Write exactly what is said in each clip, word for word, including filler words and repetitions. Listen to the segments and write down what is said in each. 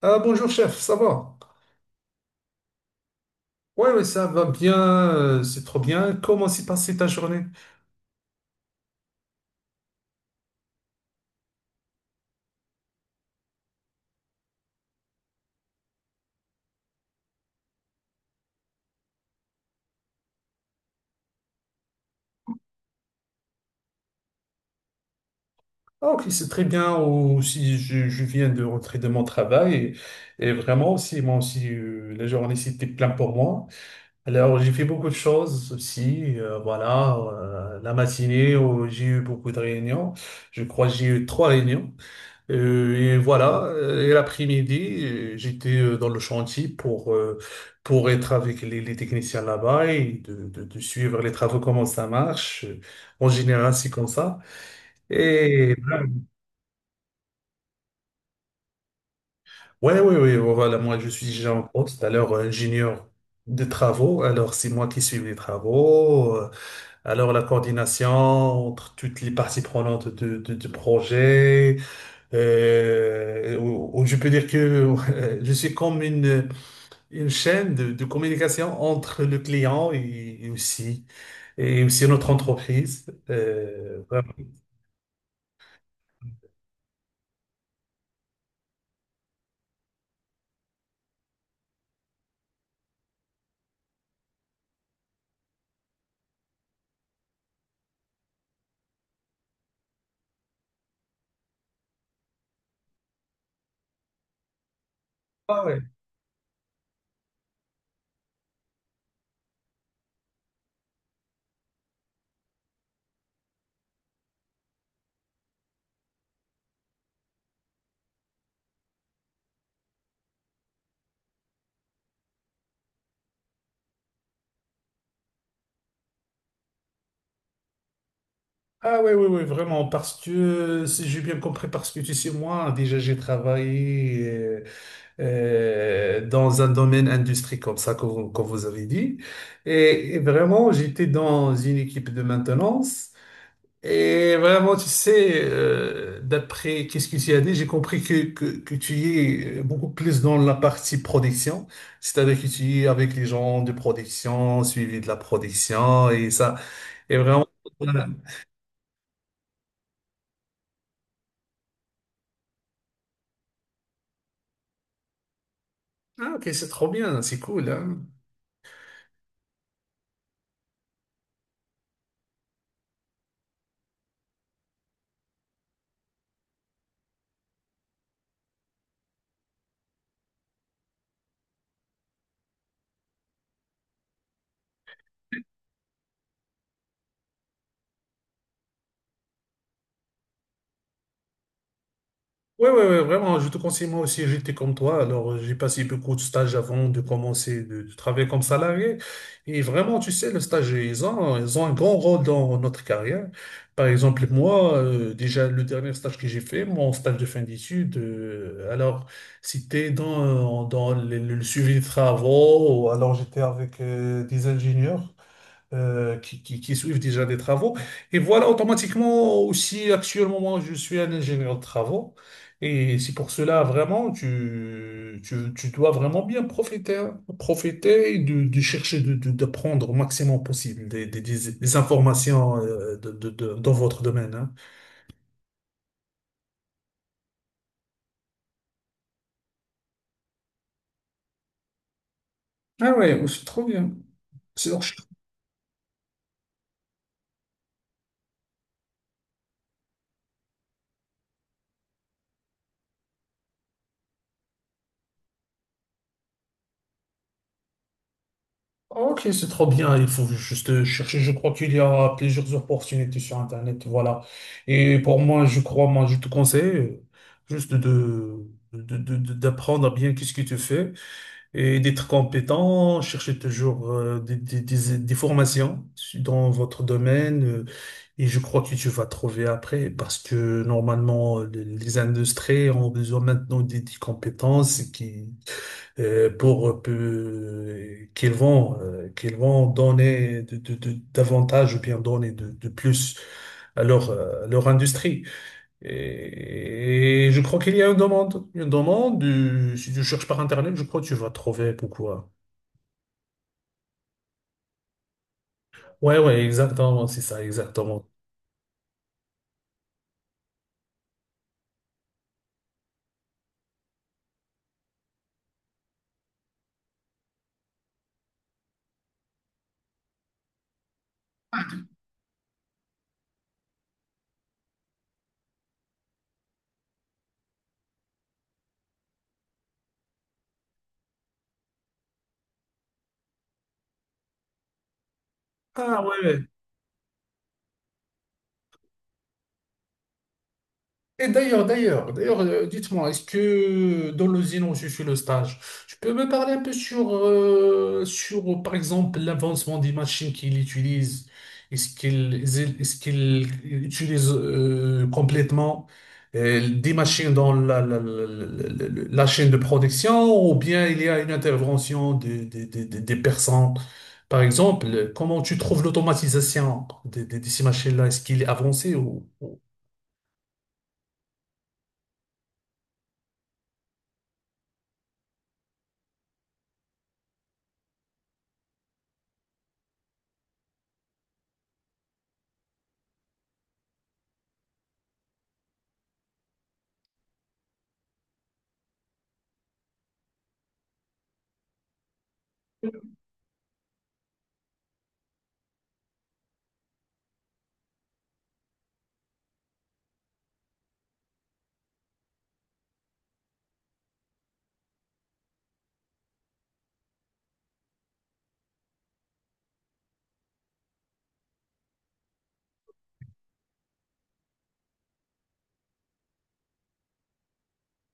Ah, bonjour chef, ça va? Oui oui ça va bien, euh, c'est trop bien. Comment s'est passée ta journée? Ah, ok, c'est très bien. Aussi, je, je viens de rentrer de mon travail et, et vraiment aussi, moi aussi, euh, la journée c'était plein pour moi. Alors, j'ai fait beaucoup de choses aussi. Euh, voilà, euh, la matinée, où j'ai eu beaucoup de réunions. Je crois que j'ai eu trois réunions. Euh, et voilà, euh, et l'après-midi, euh, j'étais euh, dans le chantier pour, euh, pour être avec les, les techniciens là-bas et de, de, de suivre les travaux, comment ça marche. Euh, En général, c'est comme ça. Et ouais, ouais, ouais, ouais, voilà, moi, je suis déjà en poste, alors euh, ingénieur de travaux. Alors, c'est moi qui suis les travaux. euh, Alors, la coordination entre toutes les parties prenantes de- de- du projet, euh, ou- ou je peux dire que euh, je suis comme une, une chaîne de, de communication entre le client et, et aussi, et aussi notre entreprise. Euh, vraiment. Ah ouais. Ah ouais, ouais, ouais, vraiment, parce que, si j'ai bien compris, parce que tu sais, moi, déjà, j'ai travaillé euh, euh, dans un domaine industrie comme ça, comme, vous comme vous avez dit. Et, et vraiment, j'étais dans une équipe de maintenance. Et vraiment, tu sais, euh, d'après qu'est-ce que tu as dit, j'ai compris que, que, que tu es euh, beaucoup plus dans la partie production, c'est-à-dire que tu es avec les gens de production, suivi de la production et ça. Et vraiment, voilà. Ah, ok, c'est trop bien, c'est cool, hein. Oui, oui, oui, vraiment, je te conseille, moi aussi, j'étais comme toi. Alors, euh, j'ai passé beaucoup de stages avant de commencer de, de travailler comme salarié. Et vraiment, tu sais, le stage, ils ont, ils ont un grand rôle dans notre carrière. Par exemple, moi, euh, déjà, le dernier stage que j'ai fait, mon stage de fin d'études, euh, alors, c'était dans, dans le, le suivi de travaux. Ou alors, j'étais avec euh, des ingénieurs euh, qui, qui- qui suivent déjà des travaux. Et voilà, automatiquement aussi, actuellement, moi, je suis un ingénieur de travaux. Et c'est pour cela, vraiment, tu, tu, tu dois vraiment bien profiter, hein. Profiter et de, de chercher de, de, de prendre au maximum possible des, des, des- des informations euh, de, de- de- dans votre domaine, hein. Ah ouais, c'est trop bien. C'est- Ok, c'est trop bien. Il faut juste chercher. Je crois qu'il y a plusieurs opportunités sur Internet. Voilà. Et pour moi, je crois, moi, je te conseille euh, juste de, de- de- de- d'apprendre bien qu'est-ce que tu fais et d'être compétent, chercher toujours euh, des, des, des- des formations dans votre domaine. euh, Et je crois que tu vas trouver après parce que normalement, les les industries ont besoin maintenant des, des compétences qui euh, pour peu- qu'ils vont euh, qu'ils vont donner de, de- de- davantage ou bien donner de, de plus à leur euh, à leur industrie. Et, et je crois qu'il y a une demande, une demande. Euh, si tu cherches par Internet, je crois que tu vas trouver pourquoi. Ouais, ouais, exactement, c'est ça, exactement. Ah ouais. Ouais. Et d'ailleurs, d'ailleurs, d'ailleurs, euh, dites-moi, est-ce que dans l'usine où je suis le stage, tu peux me parler un peu sur, euh, sur par exemple, l'avancement des machines qu'ils utilisent? Est-ce qu'ils est-ce qu'ils utilisent euh, complètement euh, des machines dans la, la, la, la- la- la chaîne de production ou bien il y a une intervention des, des, des, des- des personnes? Par exemple, comment tu trouves l'automatisation de, de- de ces machines-là? Est-ce qu'il est avancé ou... ou-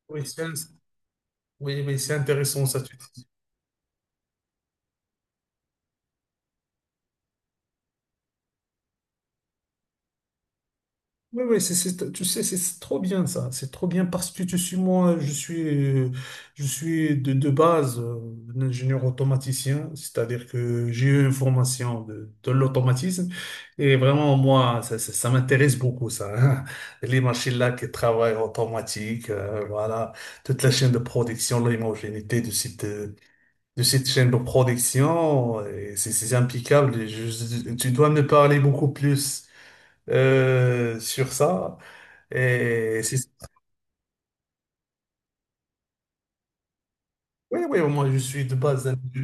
Oui, c'est- Oui, oui, c'est intéressant ça, tu dis. Oui, oui, c'est, c'est- tu sais, c'est c'est trop bien ça. C'est trop bien parce que tu suis moi, je suis, euh, je suis de, de base euh, un ingénieur automaticien, c'est-à-dire que j'ai eu une formation de, de l'automatisme et vraiment moi, ça, ça, ça m'intéresse beaucoup ça, hein. Les machines là qui travaillent automatique, euh, voilà, toute la chaîne de production, l'homogénéité de cette, euh, de cette chaîne de production, et c'est c'est impeccable. Je- je- tu dois me parler beaucoup plus euh, sur ça. Et c'est... Oui, oui, moi je suis de base, hindou.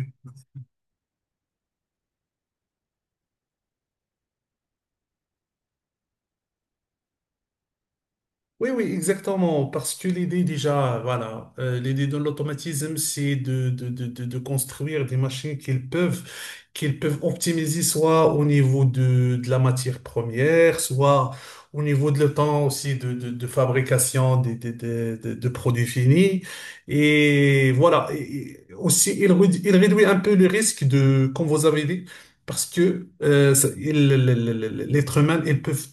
Oui, oui, exactement. Parce que l'idée déjà, voilà, euh, l'idée de l'automatisme, c'est de, de, de, de, de construire des machines qu'ils peuvent, qu'ils peuvent optimiser soit au niveau de, de la matière première, soit au niveau de le temps aussi de, de, de fabrication des, des, des, des- de produits finis. Et voilà, Et- et aussi, il, réduit- il réduit un peu le risque de, comme vous avez dit, parce que euh, ça- il- le- le- le- le- l'être humain, ils peuvent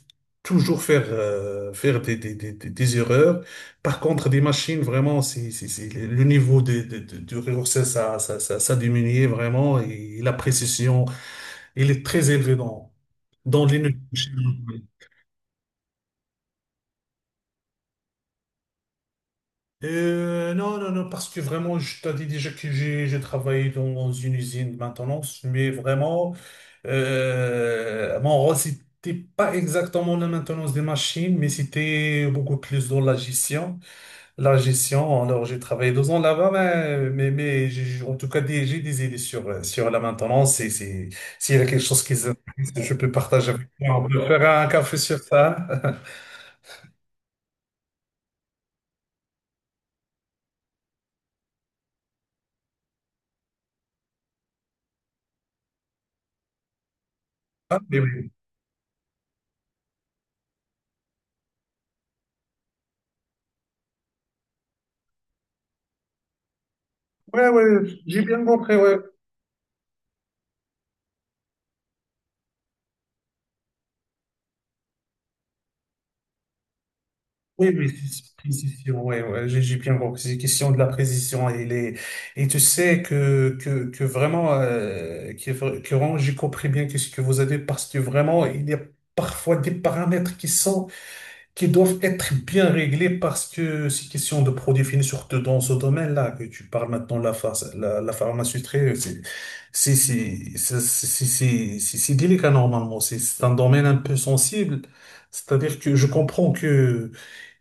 toujours faire euh, faire des, des, des, des des erreurs. Par contre, des machines, vraiment, c'est, c'est, c'est- le niveau de, de, de, de réussite, ça, ça, ça, ça diminuait vraiment et la précision, elle est très élevée dans, dans les machines. Euh, non, non, non, parce que vraiment, je t'ai dit déjà que j'ai j'ai travaillé dans une usine de maintenance, mais vraiment, euh, mon rôle, c'était pas exactement la maintenance des machines, mais c'était beaucoup plus dans la gestion. La gestion, alors j'ai travaillé deux ans là-bas, mais, mais, mais j'ai- en tout cas des- j'ai des idées sur, euh, sur la maintenance et c'est, s'il y a quelque chose qui vous, je peux partager avec toi. On peut faire un café sur ça. Ah, mais oui, ouais, ouais, j'ai bien compris, ouais. Oui, oui, c'est- précision, ouais, ouais, j'ai j'ai bien compris. C'est question de la précision et les, et tu sais que, que, que vraiment, euh, que, que vraiment, j'ai compris bien qu'est-ce que vous avez parce que vraiment, il y a parfois des paramètres qui sont qui doivent être bien réglés parce que c'est question de produits finis, surtout dans ce domaine-là que tu parles maintenant, la, phar- la, la pharmaceutique, c'est c'est- c'est- c'est- c'est- c'est- c'est- c'est délicat normalement, c'est c'est un domaine un peu sensible, c'est-à-dire que je comprends que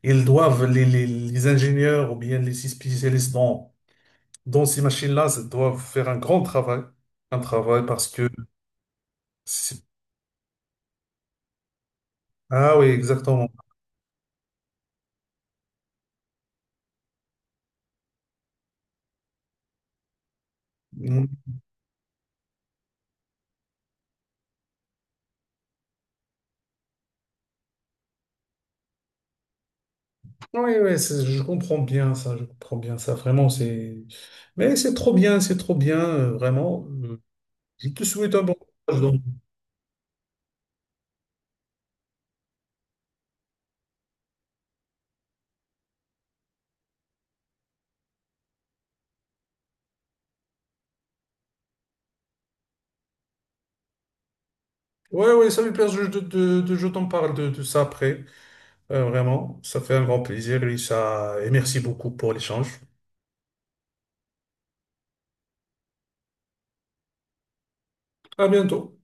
ils doivent, les, les, les ingénieurs ou bien les spécialistes dans, dans ces machines-là, ça doivent faire un grand travail, un travail parce que... c'est- Ah oui, exactement. Oui, oui, c'est- je comprends bien ça, je comprends bien ça, vraiment, c'est... Mais c'est trop bien, c'est trop bien, euh, vraiment. Euh, Je te souhaite un bon courage, donc. Oui, oui, ça me plaisir de, de, de- je t'en parle de, de ça après. Euh, vraiment, ça fait un grand plaisir, Lisa, et merci beaucoup pour l'échange. À bientôt.